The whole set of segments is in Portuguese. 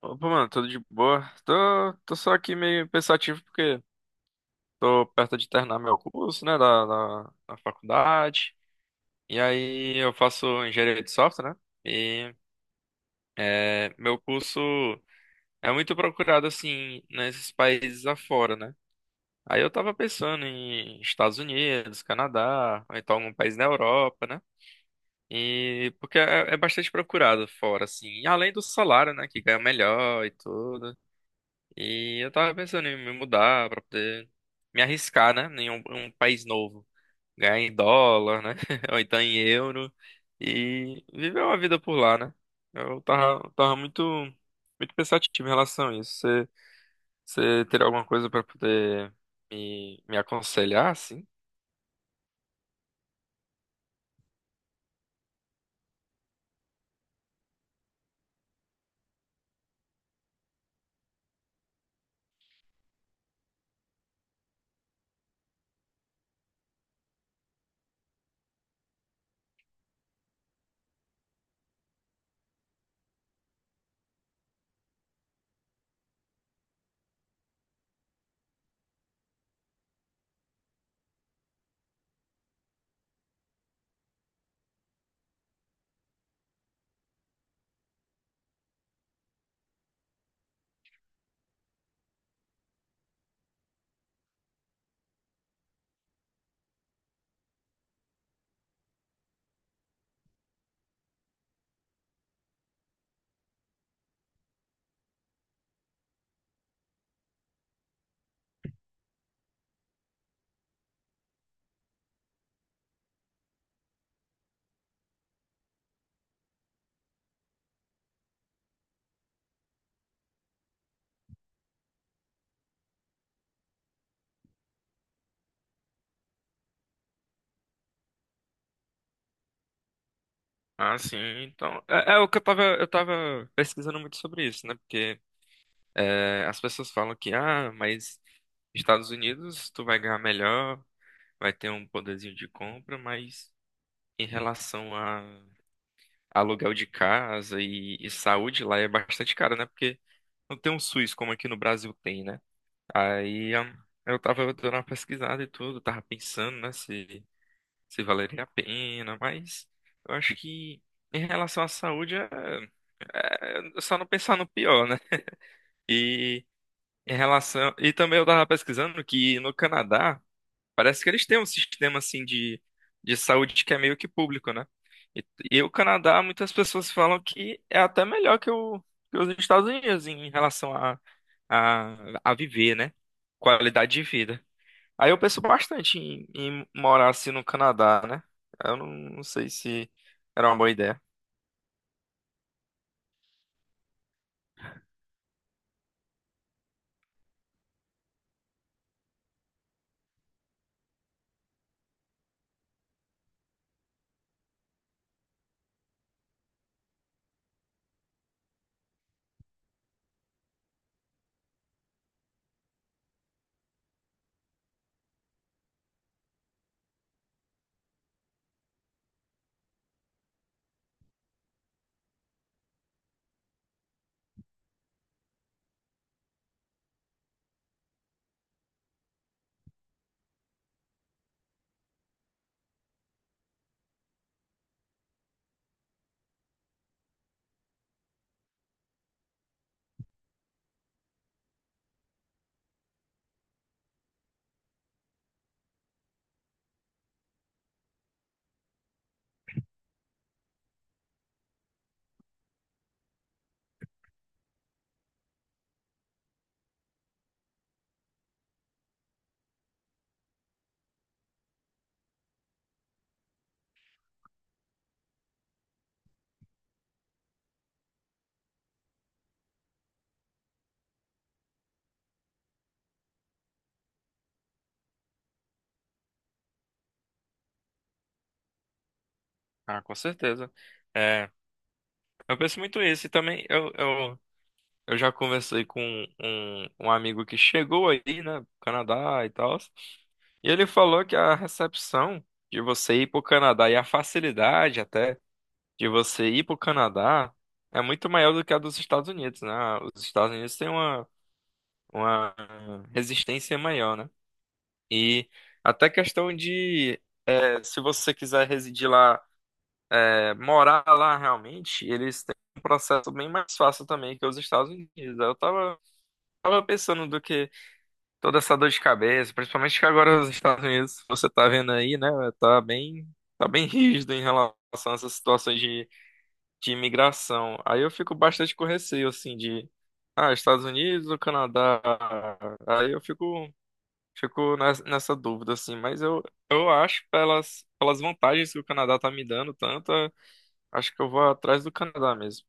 Opa, mano, tudo de boa? Tô só aqui meio pensativo porque tô perto de terminar meu curso, né, da faculdade. E aí eu faço engenharia de software, né? E meu curso é muito procurado, assim, nesses países afora, né? Aí eu tava pensando em Estados Unidos, Canadá, ou então algum país na Europa, né? E porque é bastante procurado fora, assim. E além do salário, né, que ganha melhor e tudo. E eu tava pensando em me mudar pra poder me arriscar, né? Em um país novo. Ganhar em dólar, né? Ou então em euro. E viver uma vida por lá, né? Eu tava, tava muito, muito pensativo em relação a isso. Você teria alguma coisa pra poder me aconselhar, assim? Ah, sim. Então, é o que eu tava pesquisando muito sobre isso, né? Porque é, as pessoas falam que, ah, mas Estados Unidos, tu vai ganhar melhor. Vai ter um poderzinho de compra, mas em relação a aluguel de casa e saúde lá é bastante caro, né? Porque não tem um SUS como aqui no Brasil tem, né? Aí eu tava dando uma pesquisada e tudo, tava pensando, né, se valeria a pena, mas eu acho que em relação à saúde é só não pensar no pior, né? E em relação. E também eu tava pesquisando que no Canadá. Parece que eles têm um sistema assim de saúde que é meio que público, né? E, e o Canadá, muitas pessoas falam que é até melhor que os Estados Unidos em relação a, a viver, né? Qualidade de vida. Aí eu penso bastante em morar assim no Canadá, né? Eu não sei se era uma boa ideia. Ah, com certeza. É, eu penso muito isso. E também eu já conversei com um amigo que chegou aí, né, pro Canadá e tal, e ele falou que a recepção de você ir pro Canadá e a facilidade até de você ir pro Canadá é muito maior do que a dos Estados Unidos, né? Ah, os Estados Unidos têm uma resistência maior, né? E até questão de, se você quiser residir lá, morar lá realmente, eles têm um processo bem mais fácil também que os Estados Unidos. Eu tava. Tava pensando do que toda essa dor de cabeça, principalmente que agora os Estados Unidos, você tá vendo aí, né, tá bem, tá bem rígido em relação a essas situações de imigração. Aí eu fico bastante com receio, assim, de, ah, Estados Unidos ou Canadá? Aí eu fico, fico nessa dúvida, assim, eu acho, pelas vantagens que o Canadá tá me dando tanto, acho que eu vou atrás do Canadá mesmo.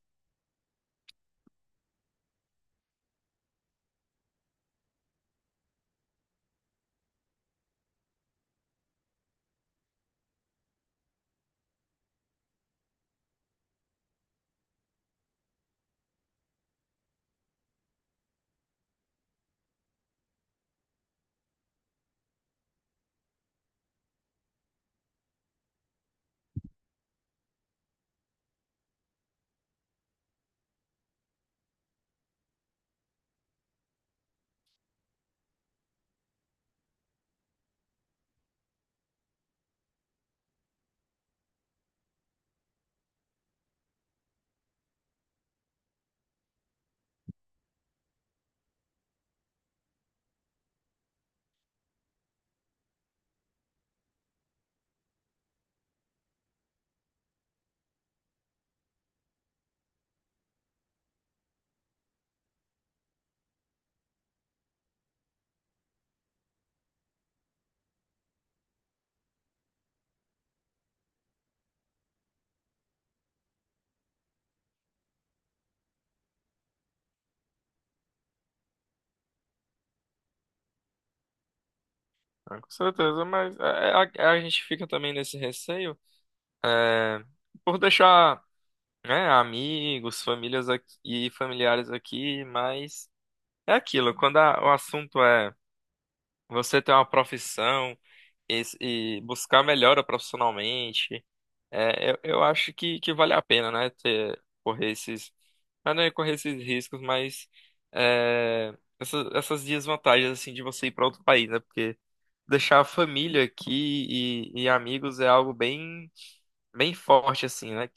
Né, com certeza, mas a gente fica também nesse receio, eh, por deixar, né, amigos, famílias aqui, e familiares aqui, mas é aquilo, quando o assunto é você ter uma profissão e buscar melhora profissionalmente, é, eu acho que vale a pena, né, ter, correr esses, ah, não é correr esses riscos, mas é, essas desvantagens, assim, de você ir para outro país, né, porque deixar a família aqui e amigos é algo bem forte, assim, né,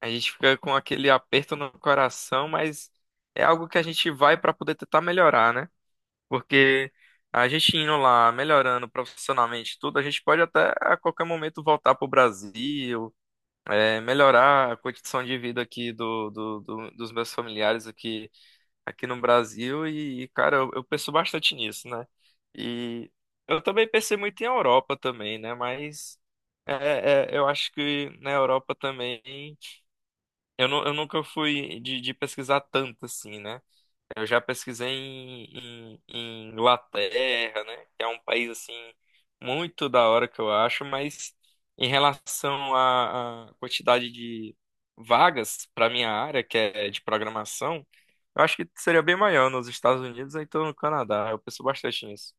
a gente fica com aquele aperto no coração, mas é algo que a gente vai para poder tentar melhorar, né? Porque a gente indo lá, melhorando profissionalmente tudo, a gente pode até a qualquer momento voltar para o Brasil, é, melhorar a condição de vida aqui dos meus familiares aqui, aqui no Brasil. E, cara, eu penso bastante nisso, né? E eu também pensei muito em Europa também, né? Mas eu acho que na Europa também. Eu nunca fui de pesquisar tanto assim, né? Eu já pesquisei em Inglaterra, né? Que é um país assim muito da hora que eu acho, mas em relação à quantidade de vagas para minha área, que é de programação, eu acho que seria bem maior nos Estados Unidos, ou então no Canadá. Eu penso bastante nisso.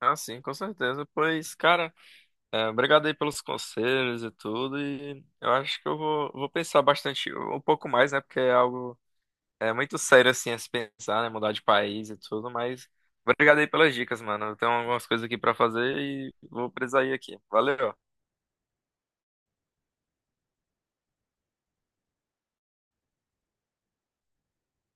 Ah, sim, com certeza. Pois, cara. É, obrigado aí pelos conselhos e tudo. E eu acho que vou pensar bastante, um pouco mais, né? Porque é algo é muito sério assim a se pensar, né? Mudar de país e tudo. Mas obrigado aí pelas dicas, mano. Eu tenho algumas coisas aqui pra fazer e vou precisar ir aqui. Valeu.